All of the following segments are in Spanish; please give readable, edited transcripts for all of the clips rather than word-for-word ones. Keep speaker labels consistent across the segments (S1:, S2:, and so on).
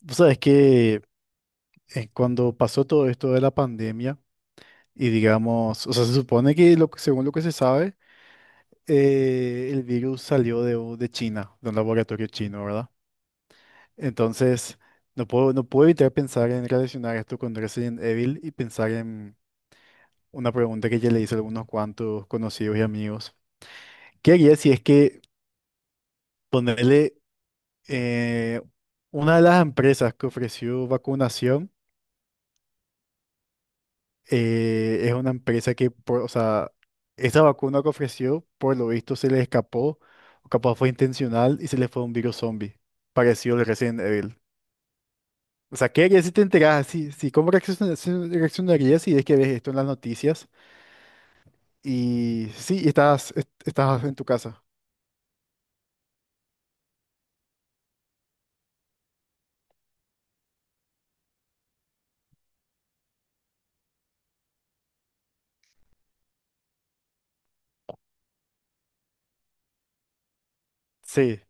S1: Vos sabés que cuando pasó todo esto de la pandemia, y digamos, o sea, se supone que según lo que se sabe, el virus salió de China, de un laboratorio chino, ¿verdad? Entonces, no puedo evitar pensar en relacionar esto con Resident Evil y pensar en una pregunta que ya le hice a algunos cuantos conocidos y amigos. ¿Qué haría si es que ponerle eh, una de las empresas que ofreció vacunación? Es una empresa o sea, esta vacuna que ofreció, por lo visto, se le escapó, o capaz fue intencional y se le fue un virus zombie, parecido al Resident Evil. O sea, ¿qué harías si te enteras así? Sí, ¿cómo reaccionarías si es que ves esto en las noticias? Y sí, y estás en tu casa. Sí,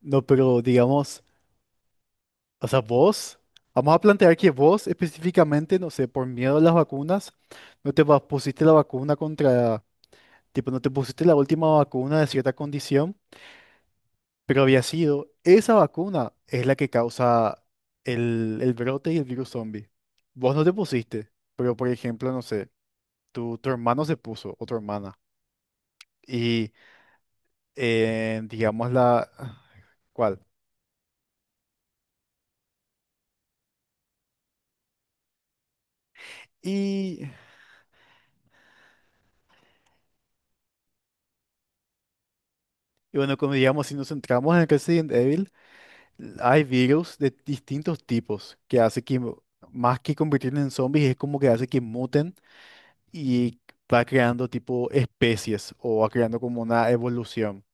S1: no, pero digamos, o sea, vos, vamos a plantear que vos específicamente, no sé, por miedo a las vacunas, no te va- pusiste la vacuna contra. Tipo, no te pusiste la última vacuna de cierta condición, pero había sido. Esa vacuna es la que causa el brote y el virus zombie. Vos no te pusiste, pero por ejemplo, no sé, tu hermano se puso o tu hermana. Y digamos la... ¿Cuál? Y y, bueno, como digamos, si nos centramos en Resident Evil, hay virus de distintos tipos que hace que, más que convertirse en zombies, es como que hace que muten y va creando tipo especies o va creando como una evolución.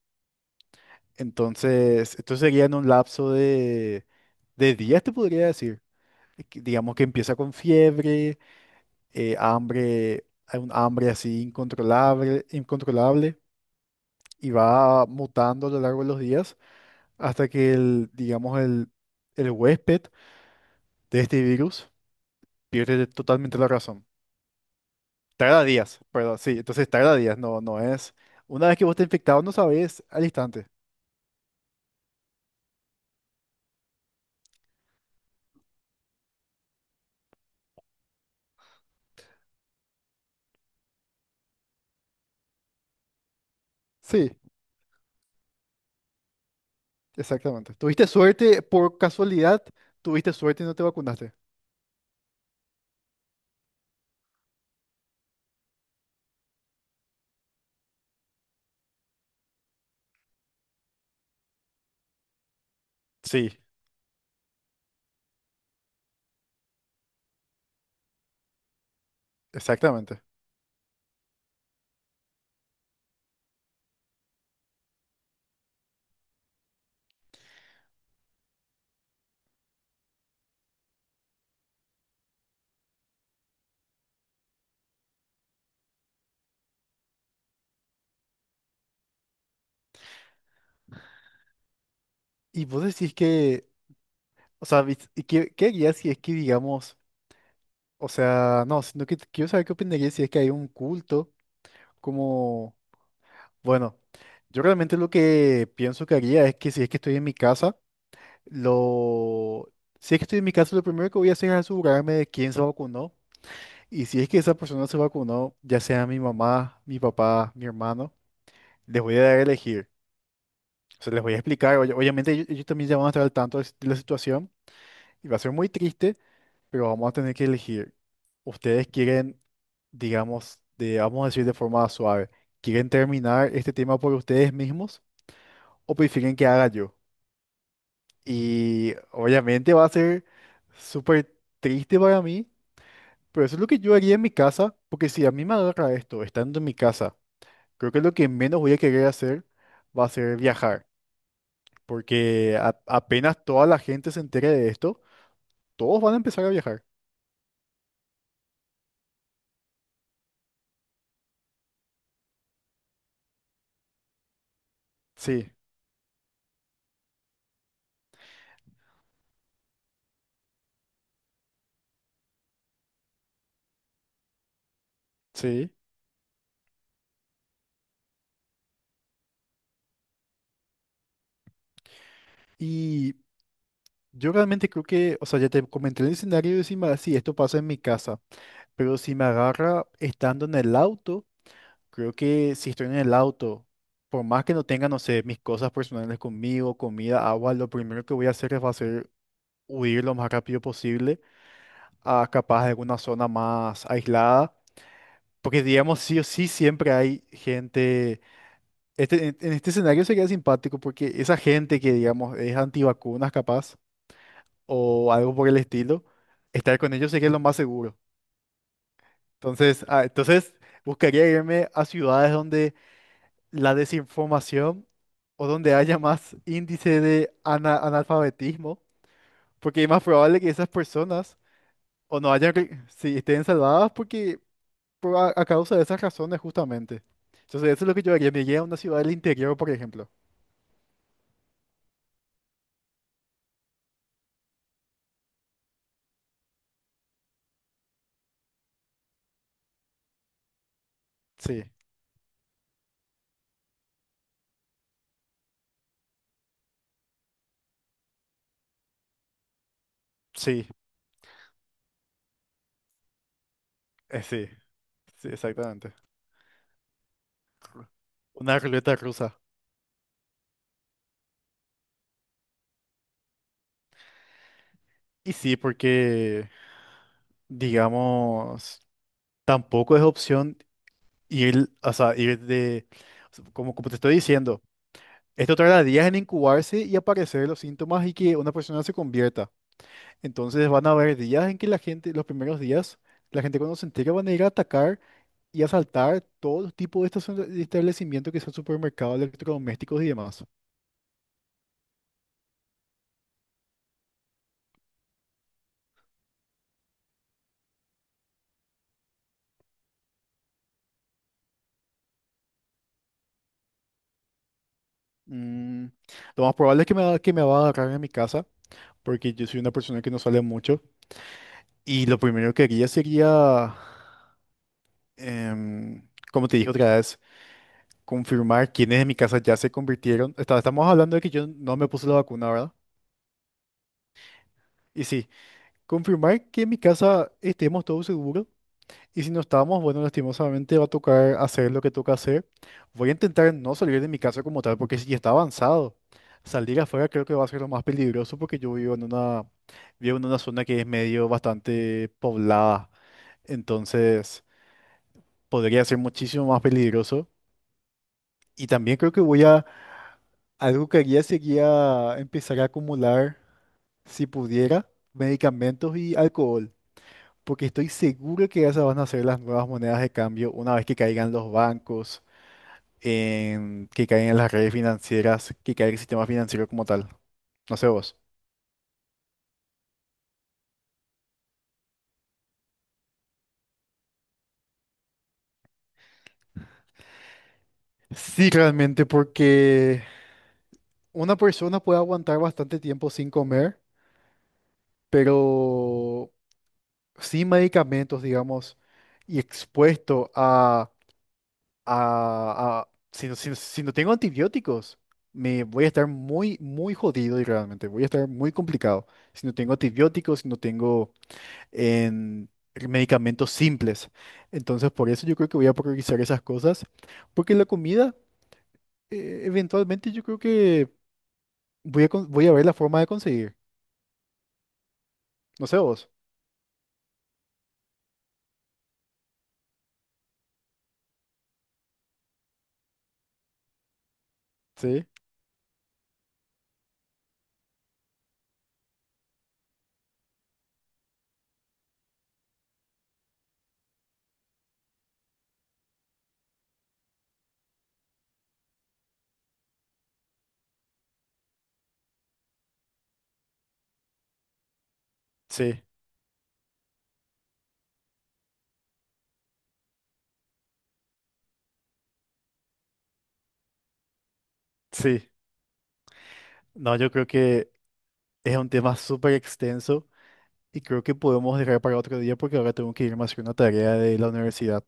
S1: Entonces, esto sería en un lapso de días, te podría decir. Que digamos que empieza con fiebre, hambre, hay un hambre así incontrolable, incontrolable y va mutando a lo largo de los días hasta que el, el huésped de este virus pierde totalmente la razón. Tarda días, perdón, sí, entonces tarda días, no, no es. Una vez que vos te infectado, no sabés al instante. Sí, exactamente. ¿Tuviste suerte por casualidad? ¿Tuviste suerte y no te vacunaste? Sí, exactamente. Y vos decís que, o sea, vis- y ¿qué, qué harías si es que, digamos, o sea, no, sino que quiero saber qué opinarías si es que hay un culto como, bueno, yo realmente lo que pienso que haría es que si es que estoy en mi casa, lo... Si es que estoy en mi caso, lo primero que voy a hacer es asegurarme de quién se vacunó. Y si es que esa persona se vacunó, ya sea mi mamá, mi papá, mi hermano, les voy a dar a elegir. O sea, les voy a explicar. Oye, obviamente ellos también ya van a estar al tanto de de la situación y va a ser muy triste, pero vamos a tener que elegir. Ustedes quieren, digamos, de, vamos a decir de forma suave, ¿quieren terminar este tema por ustedes mismos o prefieren que haga yo? Y obviamente va a ser súper triste para mí, pero eso es lo que yo haría en mi casa, porque si a mí me agarra esto, estando en mi casa, creo que lo que menos voy a querer hacer va a ser viajar, porque apenas toda la gente se entere de esto, todos van a empezar a viajar. Sí, sí. Y yo realmente creo que, o sea, ya te comenté el escenario de si esto pasa en mi casa, pero si me agarra estando en el auto. Creo que si estoy en el auto, por más que no tenga, no sé, mis cosas personales conmigo, comida, agua, lo primero que voy a hacer es va a ser huir lo más rápido posible a capaz de alguna zona más aislada. Porque digamos, sí o sí siempre hay gente. Este, en este escenario sería simpático porque esa gente que, digamos, es antivacunas capaz o algo por el estilo, estar con ellos sería lo más seguro. Entonces, ah, entonces buscaría irme a ciudades donde la desinformación o donde haya más índice de analfabetismo, porque es más probable que esas personas o no hayan, re- sí, estén salvadas porque por a causa de esas razones justamente. Entonces eso es lo que yo haría, me iría a una ciudad del interior, por ejemplo. Sí, sí, sí, sí, exactamente. Ru- Una ruleta rusa. Y sí, porque, digamos, tampoco es opción ir, o sea, como, como te estoy diciendo. Esto tarda días en incubarse y aparecer los síntomas y que una persona se convierta. Entonces van a haber días en que la gente, los primeros días, la gente cuando se entera van a ir a atacar y asaltar todos los tipos de de establecimientos que son supermercados, electrodomésticos y demás. Mm, lo más probable es que que me va a agarrar en mi casa, porque yo soy una persona que no sale mucho. Y lo primero que haría sería, como te dije otra vez, confirmar quiénes de mi casa ya se convirtieron. Estamos hablando de que yo no me puse la vacuna, ¿verdad? Y sí, confirmar que en mi casa estemos todos seguros. Y si no estamos, bueno, lastimosamente va a tocar hacer lo que toca hacer. Voy a intentar no salir de mi casa como tal, porque si ya está avanzado, salir afuera creo que va a ser lo más peligroso porque yo vivo en una zona que es medio bastante poblada. Entonces, podría ser muchísimo más peligroso. Y también creo que algo que haría sería empezar a acumular, si pudiera, medicamentos y alcohol. Porque estoy seguro que esas van a ser las nuevas monedas de cambio una vez que caigan los bancos, que caigan las redes financieras, que caiga el sistema financiero como tal. No sé vos. Sí, realmente, porque una persona puede aguantar bastante tiempo sin comer, pero sin medicamentos, digamos, y expuesto a si, si no tengo antibióticos, me voy a estar muy, muy jodido y realmente voy a estar muy complicado. Si no tengo antibióticos, si no tengo en, medicamentos simples. Entonces, por eso yo creo que voy a priorizar esas cosas, porque la comida, eventualmente yo creo que voy a ver la forma de conseguir. No sé vos. Sí, sí, sí. No, yo creo que es un tema súper extenso y creo que podemos dejar para otro día porque ahora tengo que irme a hacer una tarea de la universidad.